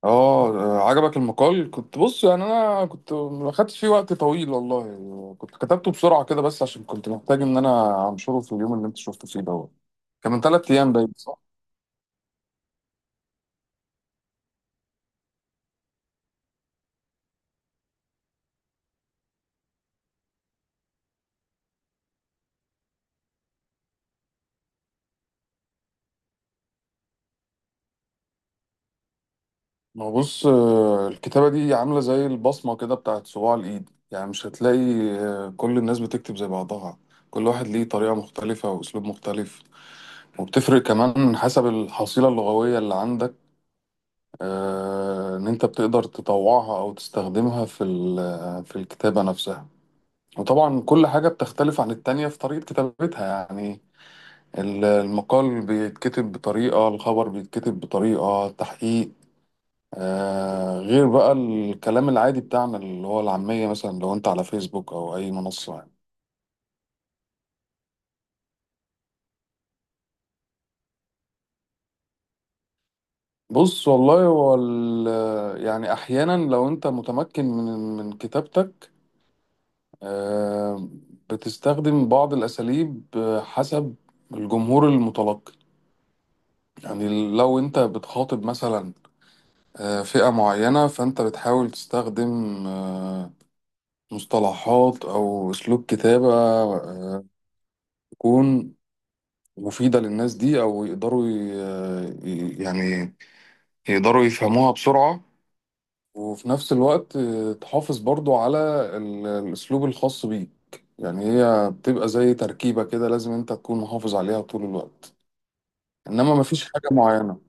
اه. عجبك المقال، كنت بص يعني انا كنت ما خدتش فيه وقت طويل والله، كنت كتبته بسرعه كده بس عشان كنت محتاج ان انا انشره في اليوم اللي انت شفته فيه دوت. كان من 3 ايام باين، صح؟ ما هو بص، الكتابه دي عامله زي البصمه كده بتاعت صباع الايد، يعني مش هتلاقي كل الناس بتكتب زي بعضها. كل واحد ليه طريقه مختلفه واسلوب مختلف، وبتفرق كمان حسب الحصيله اللغويه اللي عندك، ان انت بتقدر تطوعها او تستخدمها في في الكتابة نفسها. وطبعا كل حاجة بتختلف عن التانية في طريقة كتابتها يعني. المقال بيتكتب بطريقة، الخبر بيتكتب بطريقة التحقيق، آه، غير بقى الكلام العادي بتاعنا اللي هو العامية مثلا لو انت على فيسبوك او اي منصة يعني. بص والله، هو يعني احيانا لو انت متمكن من كتابتك، آه، بتستخدم بعض الأساليب حسب الجمهور المتلقي. يعني لو أنت بتخاطب مثلا فئة معينة، فأنت بتحاول تستخدم مصطلحات أو أسلوب كتابة آه، تكون مفيدة للناس دي، أو يقدروا يعني يقدروا يفهموها بسرعة. وفي نفس الوقت تحافظ برضو على الأسلوب الخاص بيك. يعني هي بتبقى زي تركيبة كده، لازم انت تكون محافظ عليها طول الوقت، انما مفيش حاجة معينة.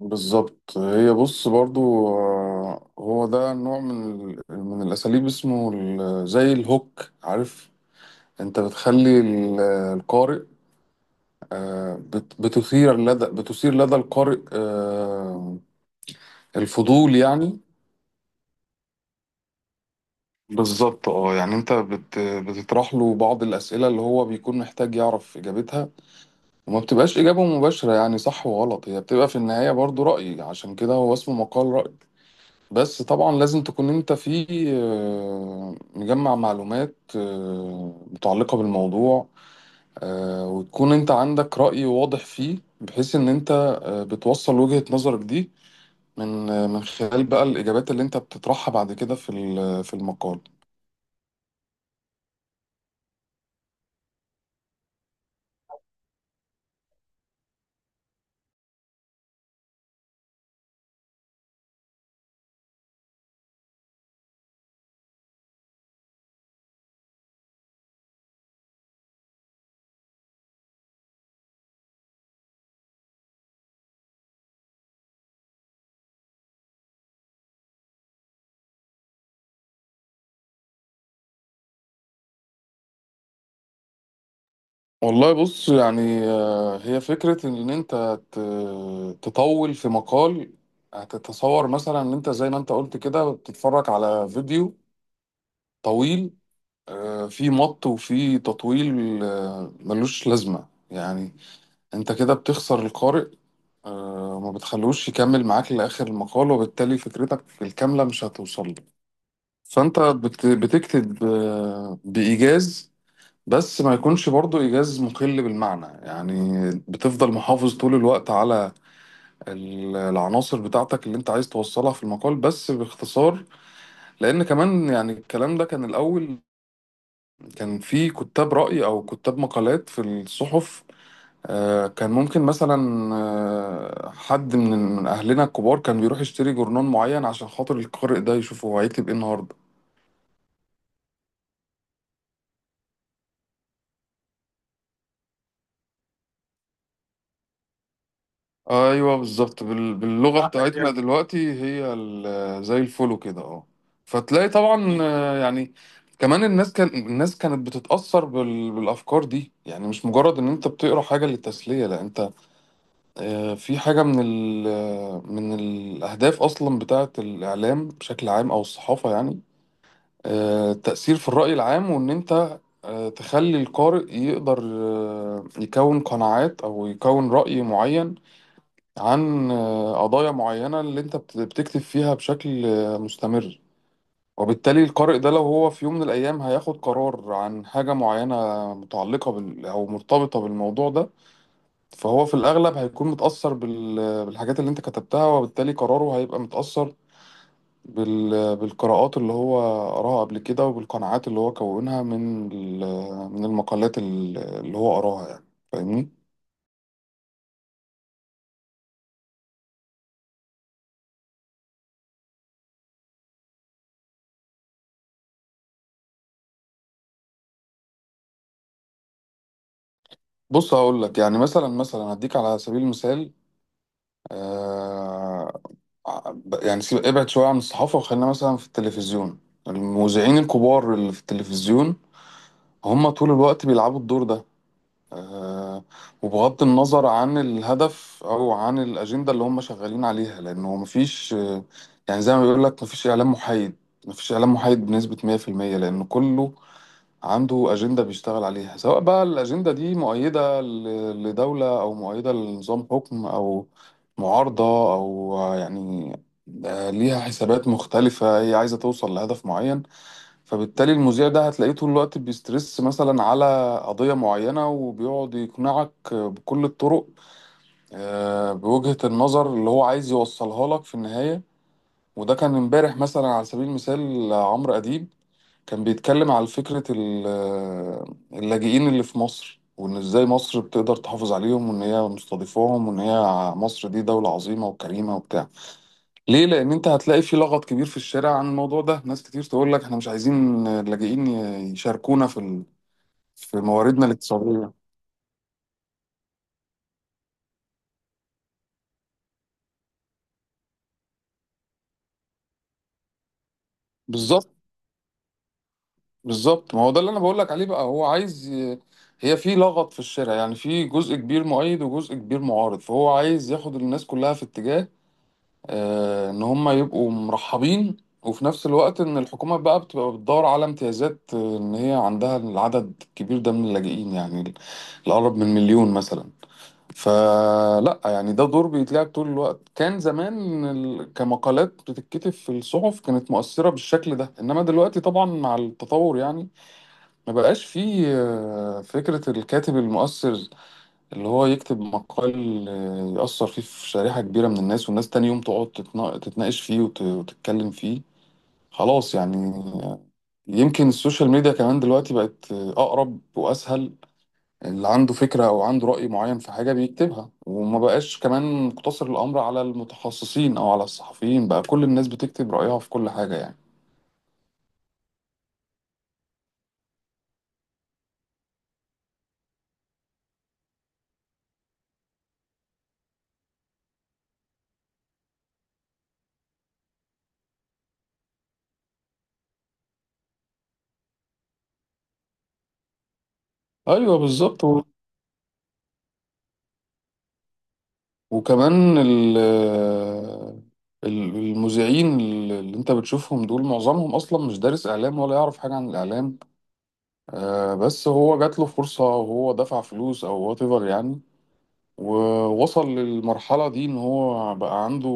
بالظبط، هي بص برضو هو ده نوع من من الأساليب، اسمه زي الهوك، عارف؟ انت بتخلي القارئ، بتثير لدى القارئ الفضول يعني. بالظبط، اه يعني انت بتطرح له بعض الاسئله اللي هو بيكون محتاج يعرف اجابتها، وما بتبقاش اجابه مباشره يعني صح وغلط، هي بتبقى في النهايه برضو راي، عشان كده هو اسمه مقال راي. بس طبعا لازم تكون انت فيه مجمع معلومات متعلقه بالموضوع، وتكون انت عندك راي واضح فيه، بحيث ان انت بتوصل وجهه نظرك دي من من خلال بقى الاجابات اللي انت بتطرحها بعد كده في في المقال. والله بص يعني هي فكرة إن أنت تطول في مقال، هتتصور مثلا إن أنت زي ما أنت قلت كده بتتفرج على فيديو طويل، فيه مط وفيه تطويل ملوش لازمة يعني. أنت كده بتخسر القارئ، وما بتخلوش يكمل معاك لآخر المقال، وبالتالي فكرتك الكاملة مش هتوصل له. فأنت بتكتب بإيجاز، بس ما يكونش برضو إيجاز مخل بالمعنى يعني. بتفضل محافظ طول الوقت على العناصر بتاعتك اللي انت عايز توصلها في المقال، بس باختصار. لأن كمان يعني الكلام ده كان الأول كان في كتاب رأي أو كتاب مقالات في الصحف، كان ممكن مثلا حد من أهلنا الكبار كان بيروح يشتري جورنال معين عشان خاطر القارئ ده يشوفه هو هيكتب إيه النهاردة. ايوه بالظبط، باللغه عندك بتاعتنا يعني دلوقتي هي زي الفولو كده، اه. فتلاقي طبعا يعني كمان الناس كانت بتتاثر بالافكار دي، يعني مش مجرد ان انت بتقرا حاجه للتسليه، لا، انت في حاجه من ال... آه، من الاهداف اصلا بتاعه الاعلام بشكل عام او الصحافه يعني. التاثير في الراي العام، وان انت تخلي القارئ يقدر يكون قناعات او يكون راي معين عن قضايا معينة اللي انت بتكتب فيها بشكل مستمر. وبالتالي القارئ ده، لو هو في يوم من الأيام هياخد قرار عن حاجة معينة متعلقة بال، أو مرتبطة بالموضوع ده، فهو في الأغلب هيكون متأثر بالحاجات اللي انت كتبتها، وبالتالي قراره هيبقى متأثر بال... بالقراءات اللي هو قراها قبل كده، وبالقناعات اللي هو كونها من من المقالات اللي هو قراها يعني. فاهمني؟ بص هقول لك، يعني مثلا هديك على سبيل المثال آه، يعني سيب، ابعد شوية عن الصحافة وخلينا مثلا في التلفزيون. المذيعين الكبار اللي في التلفزيون، هم طول الوقت بيلعبوا الدور ده، آه، وبغض النظر عن الهدف أو عن الأجندة اللي هم شغالين عليها، لأنه مفيش يعني زي ما بيقول لك، مفيش إعلام محايد، مفيش إعلام محايد بنسبة 100%، لأنه كله عنده أجندة بيشتغل عليها، سواء بقى الأجندة دي مؤيدة لدولة، أو مؤيدة لنظام حكم، أو معارضة، أو ليها حسابات مختلفة هي عايزة توصل لهدف معين. فبالتالي المذيع ده هتلاقيه طول الوقت بيسترس مثلا على قضية معينة، وبيقعد يقنعك بكل الطرق بوجهة النظر اللي هو عايز يوصلها لك في النهاية. وده كان امبارح مثلا على سبيل المثال، عمرو أديب كان بيتكلم على فكرة اللاجئين اللي في مصر، وإن إزاي مصر بتقدر تحافظ عليهم، وإن هي مستضيفاهم، وإن هي مصر دي دولة عظيمة وكريمة وبتاع. ليه؟ لأن أنت هتلاقي في لغط كبير في الشارع عن الموضوع ده، ناس كتير تقول لك إحنا مش عايزين اللاجئين يشاركونا في في مواردنا الاقتصادية. بالظبط، بالظبط، ما هو ده اللي أنا بقول لك عليه بقى، هو عايز هي في لغط في الشارع يعني، في جزء كبير مؤيد وجزء كبير معارض، فهو عايز ياخد الناس كلها في اتجاه ان هم يبقوا مرحبين. وفي نفس الوقت ان الحكومة بقى بتبقى بتدور على امتيازات ان هي عندها العدد الكبير ده من اللاجئين، يعني الأقرب من مليون مثلا. فلا يعني ده دور بيتلعب طول الوقت، كان زمان كمقالات بتتكتب في الصحف، كانت مؤثرة بالشكل ده، انما دلوقتي طبعا مع التطور يعني ما بقاش فيه فكرة الكاتب المؤثر، اللي هو يكتب مقال يأثر فيه في شريحة كبيرة من الناس، والناس تاني يوم تقعد تتناقش فيه وتتكلم فيه، خلاص يعني. يمكن السوشيال ميديا كمان دلوقتي بقت أقرب وأسهل، اللي عنده فكرة أو عنده رأي معين في حاجة بيكتبها، وما بقاش كمان مقتصر الأمر على المتخصصين أو على الصحفيين، بقى كل الناس بتكتب رأيها في كل حاجة يعني. أيوه بالظبط. وكمان ال المذيعين اللي انت بتشوفهم دول، معظمهم اصلا مش دارس اعلام ولا يعرف حاجه عن الاعلام، بس هو جات له فرصه وهو دفع فلوس او وات ايفر يعني، ووصل للمرحله دي ان هو بقى عنده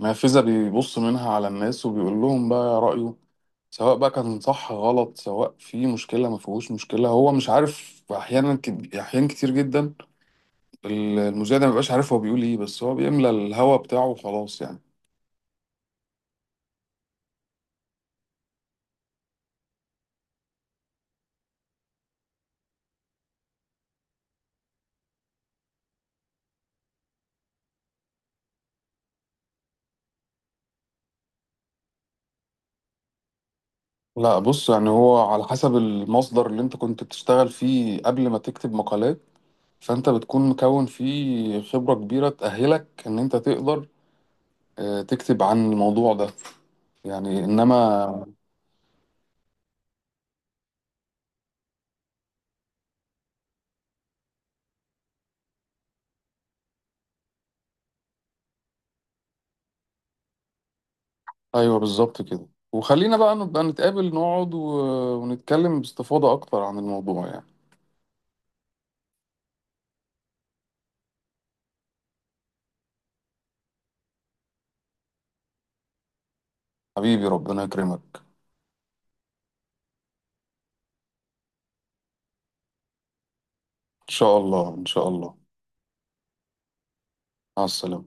نافذه بيبص منها على الناس، وبيقول لهم بقى رايه، سواء بقى كان صح غلط، سواء في مشكله ما فيهوش مشكله، هو مش عارف احيانا، احيان كتير جدا المذيع ده مبقاش عارف هو بيقول ايه، بس هو بيملى الهوا بتاعه وخلاص يعني. لا بص، يعني هو على حسب المصدر اللي انت كنت بتشتغل فيه قبل ما تكتب مقالات، فانت بتكون مكون فيه خبرة كبيرة تأهلك ان انت تقدر تكتب عن الموضوع ده يعني، انما ايوه بالظبط كده. وخلينا بقى نبقى نتقابل نقعد ونتكلم باستفاضة اكتر عن الموضوع يعني. حبيبي ربنا يكرمك. ان شاء الله، ان شاء الله. مع السلامة.